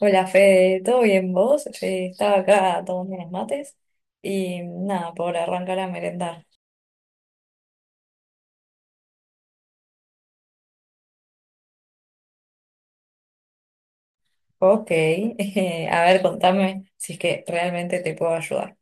Hola Fede, ¿todo bien vos? Estaba acá tomando unos mates y nada, por arrancar a merendar. Ok, a ver, contame si es que realmente te puedo ayudar.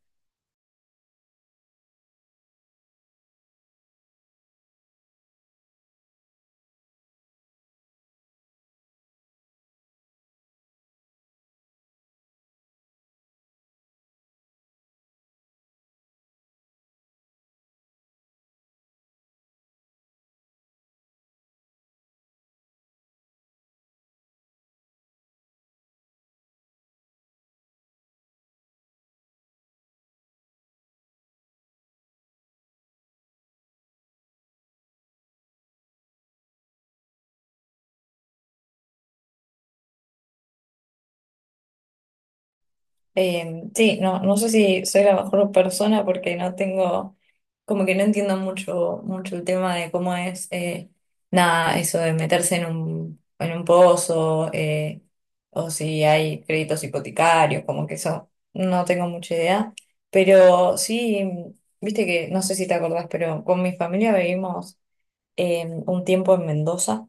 Sí, no, no sé si soy la mejor persona porque no tengo, como que no entiendo mucho, mucho el tema de cómo es, nada, eso de meterse en un pozo, o si hay créditos hipotecarios, como que eso, no tengo mucha idea. Pero sí, viste que, no sé si te acordás, pero con mi familia vivimos un tiempo en Mendoza,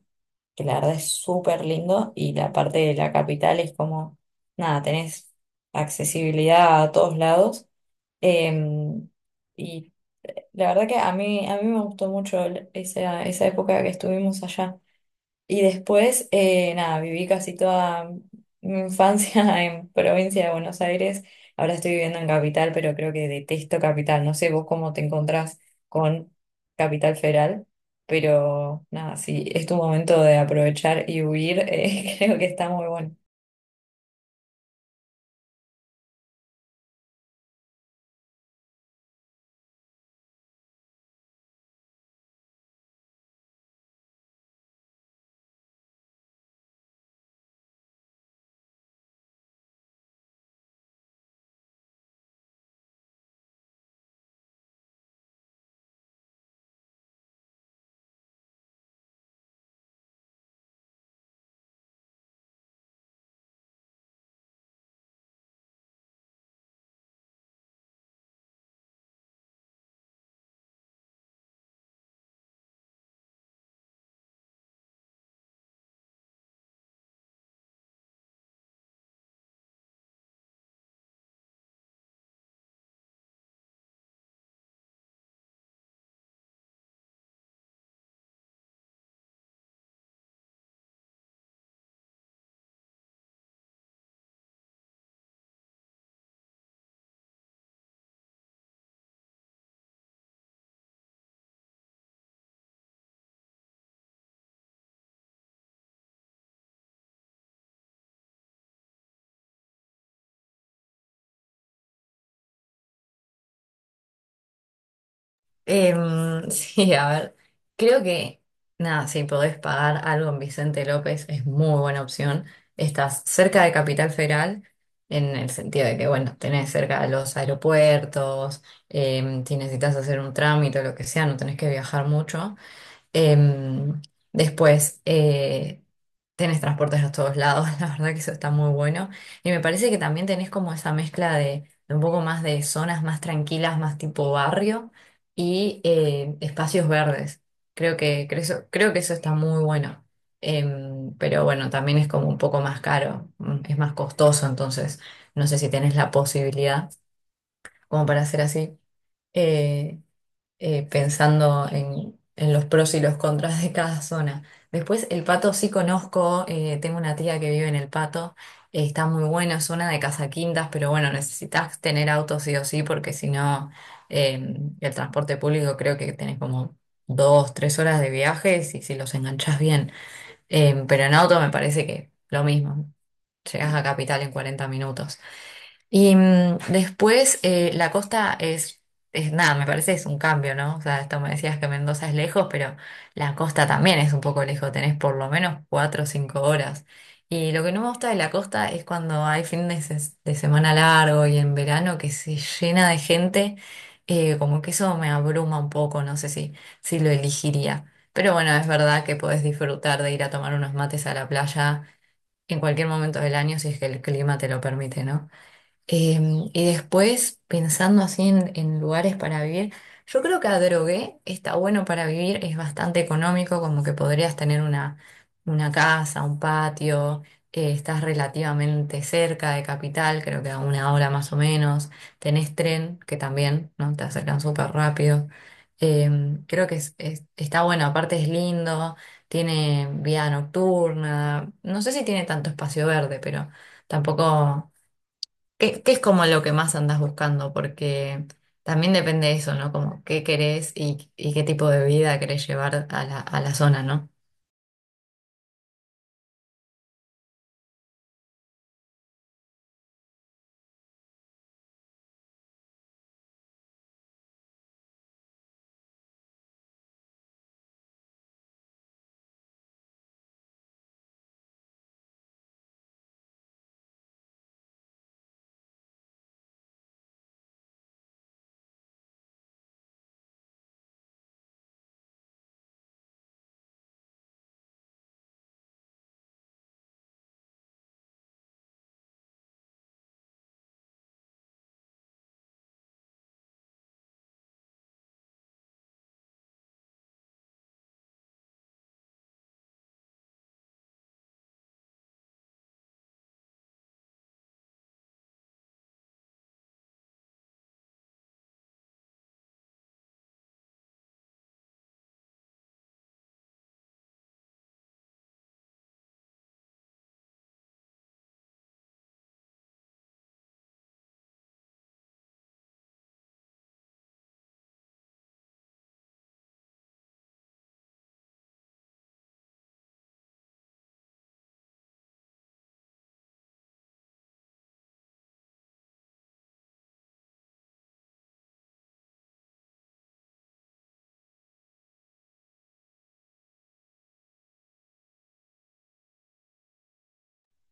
que la verdad es súper lindo, y la parte de la capital es como, nada, tenés accesibilidad a todos lados. Em, y la verdad que a mí me gustó mucho esa época que estuvimos allá. Y después, nada, viví casi toda mi infancia en provincia de Buenos Aires. Ahora estoy viviendo en Capital, pero creo que detesto Capital. No sé vos cómo te encontrás con Capital Federal, pero nada, si es tu momento de aprovechar y huir, creo que está muy bueno. Sí, a ver, creo que nada, si podés pagar algo en Vicente López, es muy buena opción. Estás cerca de Capital Federal, en el sentido de que, bueno, tenés cerca los aeropuertos, si necesitas hacer un trámite o lo que sea, no tenés que viajar mucho. Em, Después, tenés transportes a todos lados, la verdad que eso está muy bueno. Y me parece que también tenés como esa mezcla de un poco más de zonas más tranquilas, más tipo barrio, y espacios verdes. Creo que, creo, creo que eso está muy bueno. Pero bueno, también es como un poco más caro, mm, es más costoso, entonces no sé si tenés la posibilidad como para hacer así. Eh, Pensando en los pros y los contras de cada zona. Después, el Pato sí conozco, tengo una tía que vive en el Pato, está muy buena, zona de Casaquintas, pero bueno, necesitas tener auto sí o sí, porque si no, eh, el transporte público creo que tenés como dos, tres horas de viaje si, si los enganchás bien. Pero en auto me parece que lo mismo, llegás a Capital en 40 minutos. Y mm, después la costa es nada, me parece es un cambio, ¿no? O sea, esto me decías que Mendoza es lejos, pero la costa también es un poco lejos, tenés por lo menos cuatro o cinco horas. Y lo que no me gusta de la costa es cuando hay fines de semana largo y en verano, que se llena de gente, como que eso me abruma un poco, no sé si, si lo elegiría. Pero bueno, es verdad que podés disfrutar de ir a tomar unos mates a la playa en cualquier momento del año, si es que el clima te lo permite, ¿no? Y después, pensando así en lugares para vivir, yo creo que Adrogué está bueno para vivir, es bastante económico, como que podrías tener una casa, un patio, estás relativamente cerca de Capital, creo que a una hora más o menos, tenés tren, que también, ¿no? Te acercan súper rápido. Creo que está bueno, aparte es lindo, tiene vida nocturna, no sé si tiene tanto espacio verde, pero tampoco... ¿Qué, qué es como lo que más andas buscando? Porque también depende de eso, ¿no? Como qué querés y qué tipo de vida querés llevar a la zona, ¿no?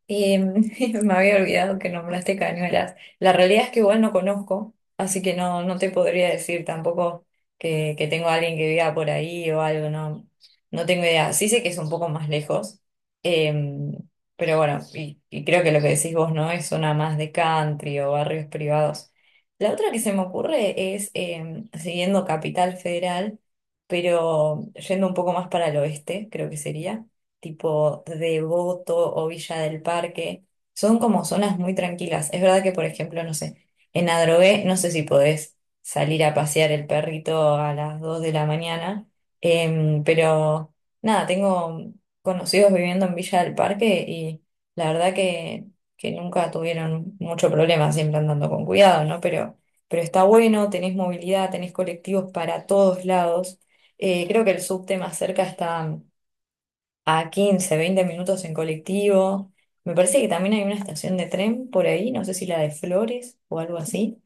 Eh, me había olvidado que nombraste Cañuelas. La realidad es que igual no conozco, así que no, no te podría decir tampoco que, que tengo a alguien que viva por ahí o algo, no, no tengo idea. Sí sé que es un poco más lejos, em, pero bueno, y creo que lo que decís vos, no es zona más de country o barrios privados. La otra que se me ocurre es siguiendo Capital Federal, pero yendo un poco más para el oeste, creo que sería tipo Devoto o Villa del Parque. Son como zonas muy tranquilas. Es verdad que, por ejemplo, no sé, en Adrogué, no sé si podés salir a pasear el perrito a las 2 de la mañana, pero nada, tengo conocidos viviendo en Villa del Parque, y la verdad que nunca tuvieron mucho problema, siempre andando con cuidado, ¿no? Pero está bueno, tenés movilidad, tenés colectivos para todos lados. Creo que el subte más cerca está a 15 20 minutos en colectivo. Me parece que también hay una estación de tren por ahí, no sé si la de Flores o algo así.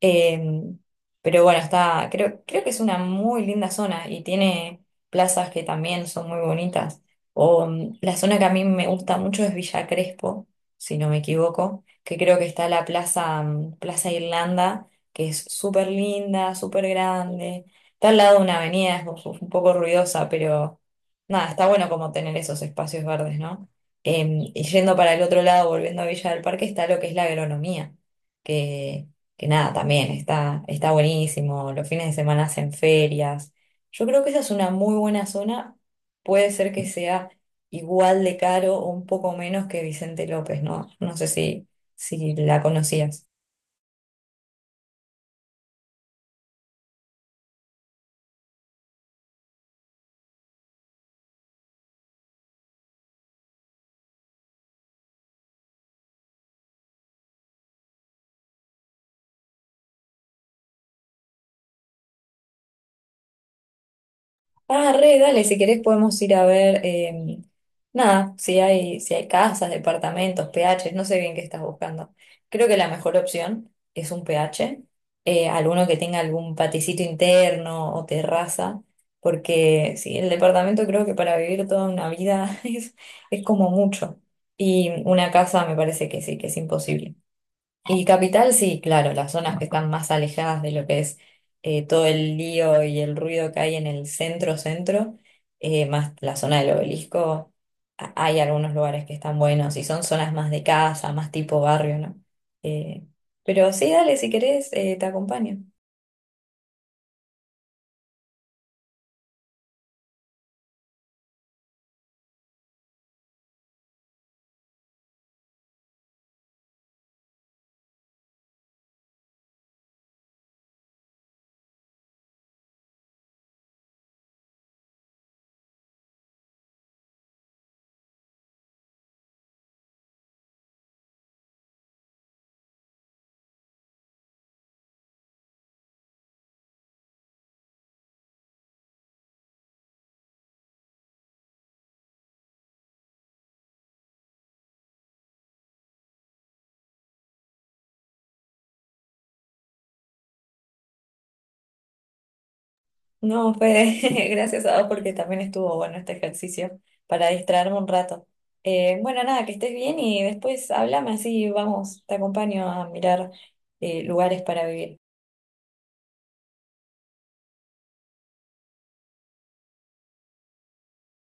Em, pero bueno, está, creo, creo que es una muy linda zona, y tiene plazas que también son muy bonitas. O, mm, la zona que a mí me gusta mucho es Villa Crespo, si no me equivoco, que creo que está la plaza, mm, Plaza Irlanda, que es súper linda, súper grande. Está al lado de una avenida, es un poco ruidosa, pero nada, está bueno como tener esos espacios verdes, ¿no? Y yendo para el otro lado, volviendo a Villa del Parque, está lo que es la agronomía, que que nada, también está, está buenísimo. Los fines de semana hacen ferias. Yo creo que esa es una muy buena zona. Puede ser que sea igual de caro o un poco menos que Vicente López, ¿no? No sé si, si la conocías. Ah, re, dale, si querés podemos ir a ver, nada, si hay, si hay casas, departamentos, PHs, no sé bien qué estás buscando. Creo que la mejor opción es un PH, alguno que tenga algún paticito interno o terraza, porque sí, el departamento creo que para vivir toda una vida es como mucho. Y una casa me parece que sí, que es imposible. Y capital, sí, claro, las zonas que están más alejadas de lo que es todo el lío y el ruido que hay en el centro, centro, más la zona del obelisco, hay algunos lugares que están buenos y son zonas más de casa, más tipo barrio, ¿no? Eh, pero sí, dale, si querés, te acompaño. No, Fede, gracias a vos porque también estuvo bueno este ejercicio para distraerme un rato. Bueno, nada, que estés bien, y después hablame así, vamos, te acompaño a mirar lugares para vivir.